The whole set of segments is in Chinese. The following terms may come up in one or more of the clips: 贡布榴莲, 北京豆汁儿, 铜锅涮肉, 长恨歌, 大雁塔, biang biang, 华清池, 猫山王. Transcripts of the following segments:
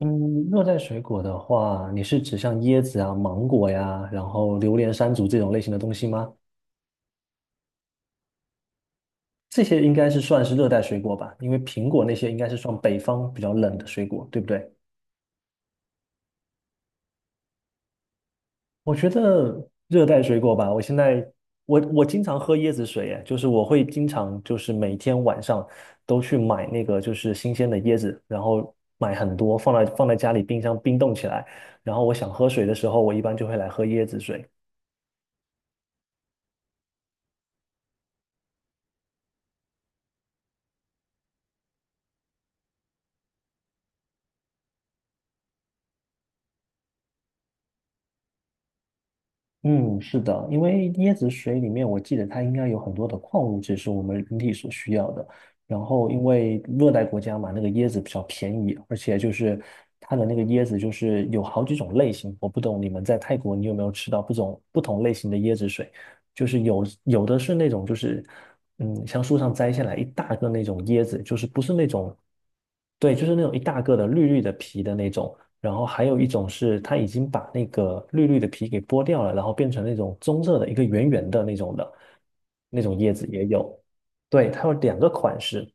嗯，热带水果的话，你是指像椰子啊、芒果呀，然后榴莲、山竹这种类型的东西吗？这些应该是算是热带水果吧，因为苹果那些应该是算北方比较冷的水果，对不对？我觉得热带水果吧，我现在我经常喝椰子水，哎，就是我会经常就是每天晚上都去买那个就是新鲜的椰子，然后买很多放在家里冰箱冰冻起来，然后我想喝水的时候，我一般就会来喝椰子水。嗯，是的，因为椰子水里面，我记得它应该有很多的矿物质是我们人体所需要的。然后，因为热带国家嘛，那个椰子比较便宜，而且就是它的那个椰子就是有好几种类型。我不懂你们在泰国，你有没有吃到不种不同类型的椰子水？就是有的是那种就是像树上摘下来一大个那种椰子，就是不是那种，对，就是那种一大个的绿绿的皮的那种。然后还有一种是它已经把那个绿绿的皮给剥掉了，然后变成那种棕色的一个圆圆的那种的，那种叶子也有。对，它有两个款式。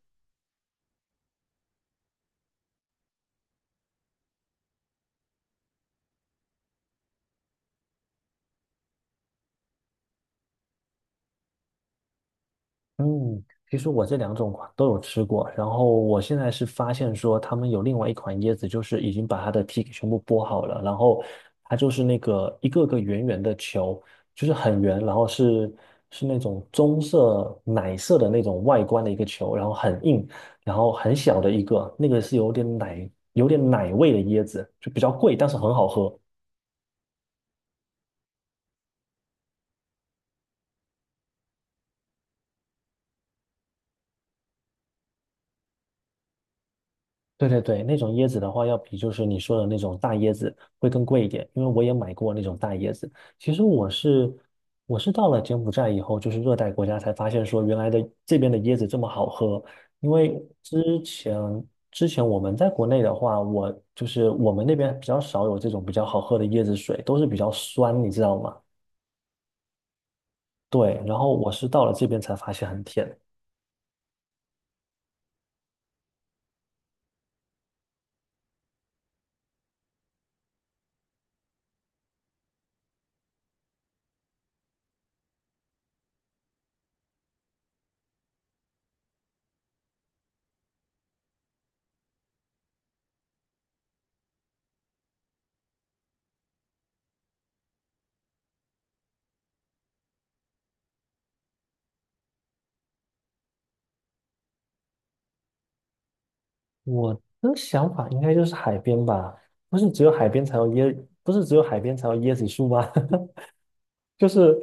嗯，其实我这两种款都有吃过，然后我现在是发现说他们有另外一款椰子，就是已经把它的皮给全部剥好了，然后它就是那个一个个圆圆的球，就是很圆，然后是那种棕色奶色的那种外观的一个球，然后很硬，然后很小的一个，那个是有点奶味的椰子，就比较贵，但是很好喝。对对对，那种椰子的话，要比就是你说的那种大椰子会更贵一点，因为我也买过那种大椰子。其实我是我是到了柬埔寨以后，就是热带国家才发现说原来的这边的椰子这么好喝。因为之前我们在国内的话，我就是我们那边比较少有这种比较好喝的椰子水，都是比较酸，你知道吗？对，然后我是到了这边才发现很甜。我的想法应该就是海边吧，不是只有海边才有椰，不是只有海边才有椰子树吗？就是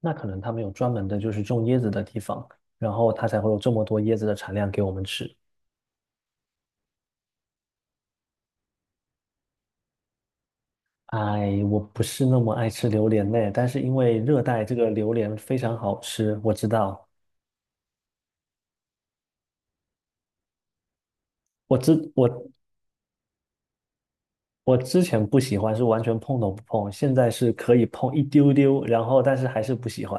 那可能他们有专门的，就是种椰子的地方，然后它才会有这么多椰子的产量给我们吃。哎，我不是那么爱吃榴莲呢，但是因为热带这个榴莲非常好吃，我知道，我之我我之前不喜欢，是完全碰都不碰，现在是可以碰一丢丢，然后但是还是不喜欢。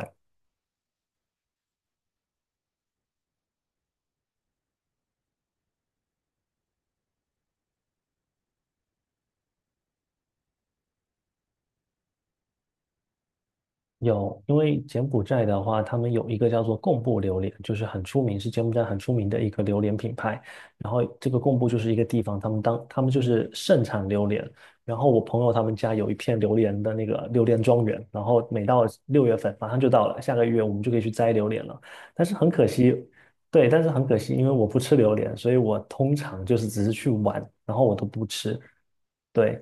有，因为柬埔寨的话，他们有一个叫做贡布榴莲，就是很出名，是柬埔寨很出名的一个榴莲品牌。然后这个贡布就是一个地方，他们就是盛产榴莲。然后我朋友他们家有一片榴莲的那个榴莲庄园，然后每到6月份马上就到了，下个月我们就可以去摘榴莲了。但是很可惜，对，但是很可惜，因为我不吃榴莲，所以我通常就是只是去玩，然后我都不吃。对，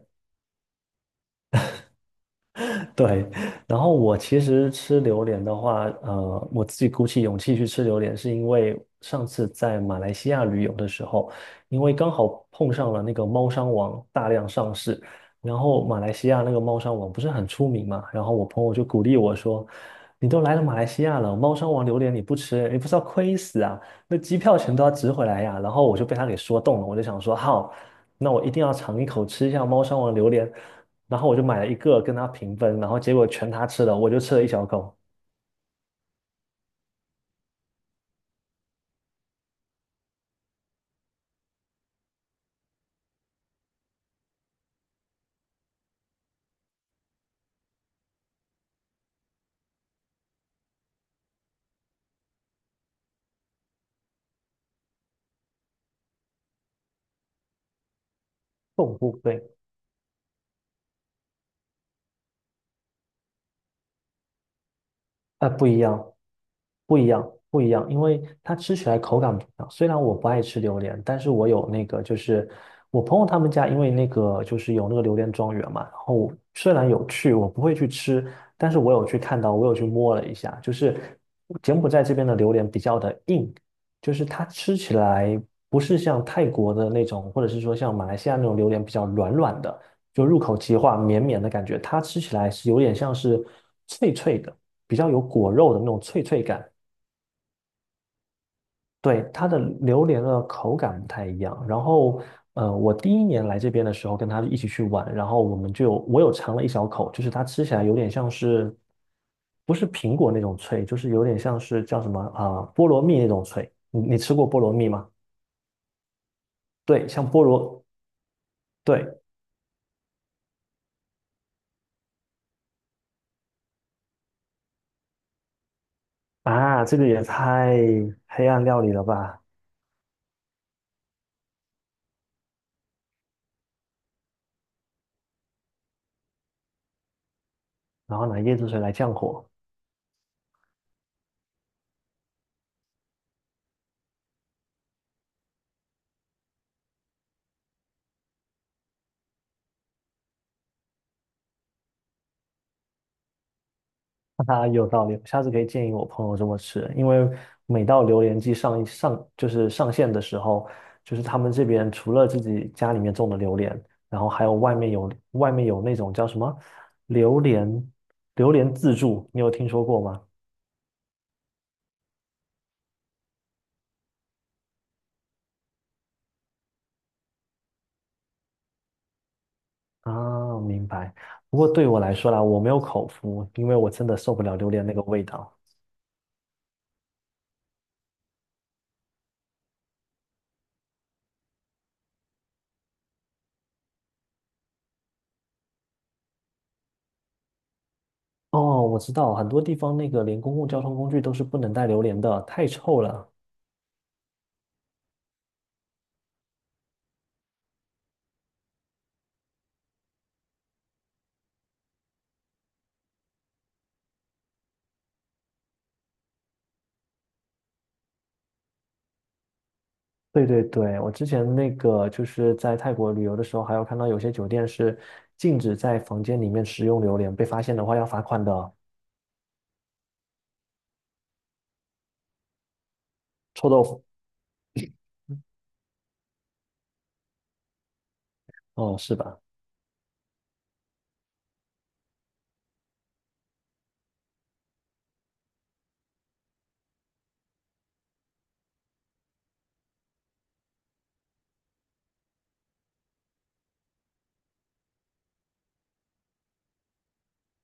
对，然后我其实吃榴莲的话，我自己鼓起勇气去吃榴莲，是因为上次在马来西亚旅游的时候，因为刚好碰上了那个猫山王大量上市，然后马来西亚那个猫山王不是很出名嘛，然后我朋友就鼓励我说："你都来了马来西亚了，猫山王榴莲你不吃，你不是要亏死啊？那机票钱都要值回来呀。"然后我就被他给说动了，我就想说好，那我一定要尝一口吃一下猫山王榴莲。然后我就买了一个跟他平分，然后结果全他吃了，我就吃了一小口，痛不悲。啊，不一样，不一样，不一样，因为它吃起来口感不一样。虽然我不爱吃榴莲，但是我有那个，就是我朋友他们家，因为那个就是有那个榴莲庄园嘛。然后虽然有去，我不会去吃，但是我有去看到，我有去摸了一下，就是柬埔寨这边的榴莲比较的硬，就是它吃起来不是像泰国的那种，或者是说像马来西亚那种榴莲比较软软的，就入口即化、绵绵的感觉，它吃起来是有点像是脆脆的。比较有果肉的那种脆脆感。对，它的榴莲的口感不太一样。然后，我第一年来这边的时候，跟他一起去玩，然后我们就我有尝了一小口，就是它吃起来有点像是，不是苹果那种脆，就是有点像是叫什么啊、菠萝蜜那种脆。你吃过菠萝蜜吗？对，像菠萝，对啊，这个也太黑暗料理了吧？然后拿椰子水来降火。哈哈，有道理，下次可以建议我朋友这么吃，因为每到榴莲季就是上线的时候，就是他们这边除了自己家里面种的榴莲，然后还有外面有那种叫什么榴莲榴莲自助，你有听说过吗？啊，明白。不过对我来说啦，我没有口福，因为我真的受不了榴莲那个味道。哦，我知道，很多地方那个连公共交通工具都是不能带榴莲的，太臭了。对对对，我之前那个就是在泰国旅游的时候，还有看到有些酒店是禁止在房间里面食用榴莲，被发现的话要罚款的。臭豆腐，哦，是吧？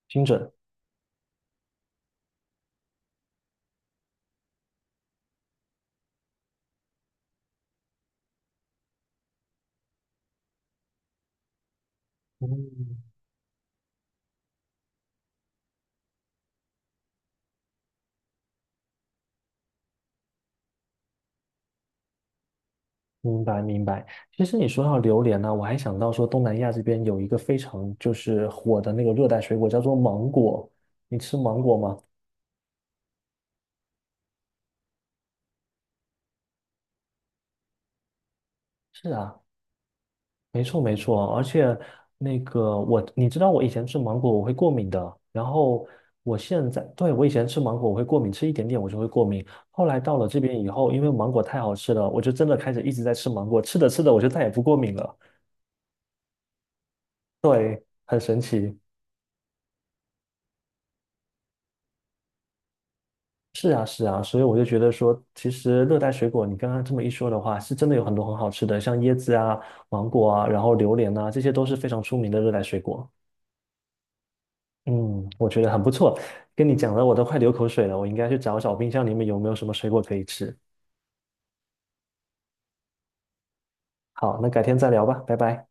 精准。嗯，明白明白。其实你说到榴莲呢、我还想到说东南亚这边有一个非常就是火的那个热带水果叫做芒果，你吃芒果吗？是啊，没错没错，而且那个我，你知道我以前吃芒果我会过敏的，然后我现在，对，我以前吃芒果我会过敏，吃一点点我就会过敏。后来到了这边以后，因为芒果太好吃了，我就真的开始一直在吃芒果，吃着吃着我就再也不过敏了。对，很神奇。是啊是啊，所以我就觉得说，其实热带水果你刚刚这么一说的话，是真的有很多很好吃的，像椰子啊、芒果啊，然后榴莲啊，这些都是非常出名的热带水果。嗯，我觉得很不错，跟你讲的我都快流口水了，我应该去找找冰箱里面有没有什么水果可以吃。好，那改天再聊吧，拜拜。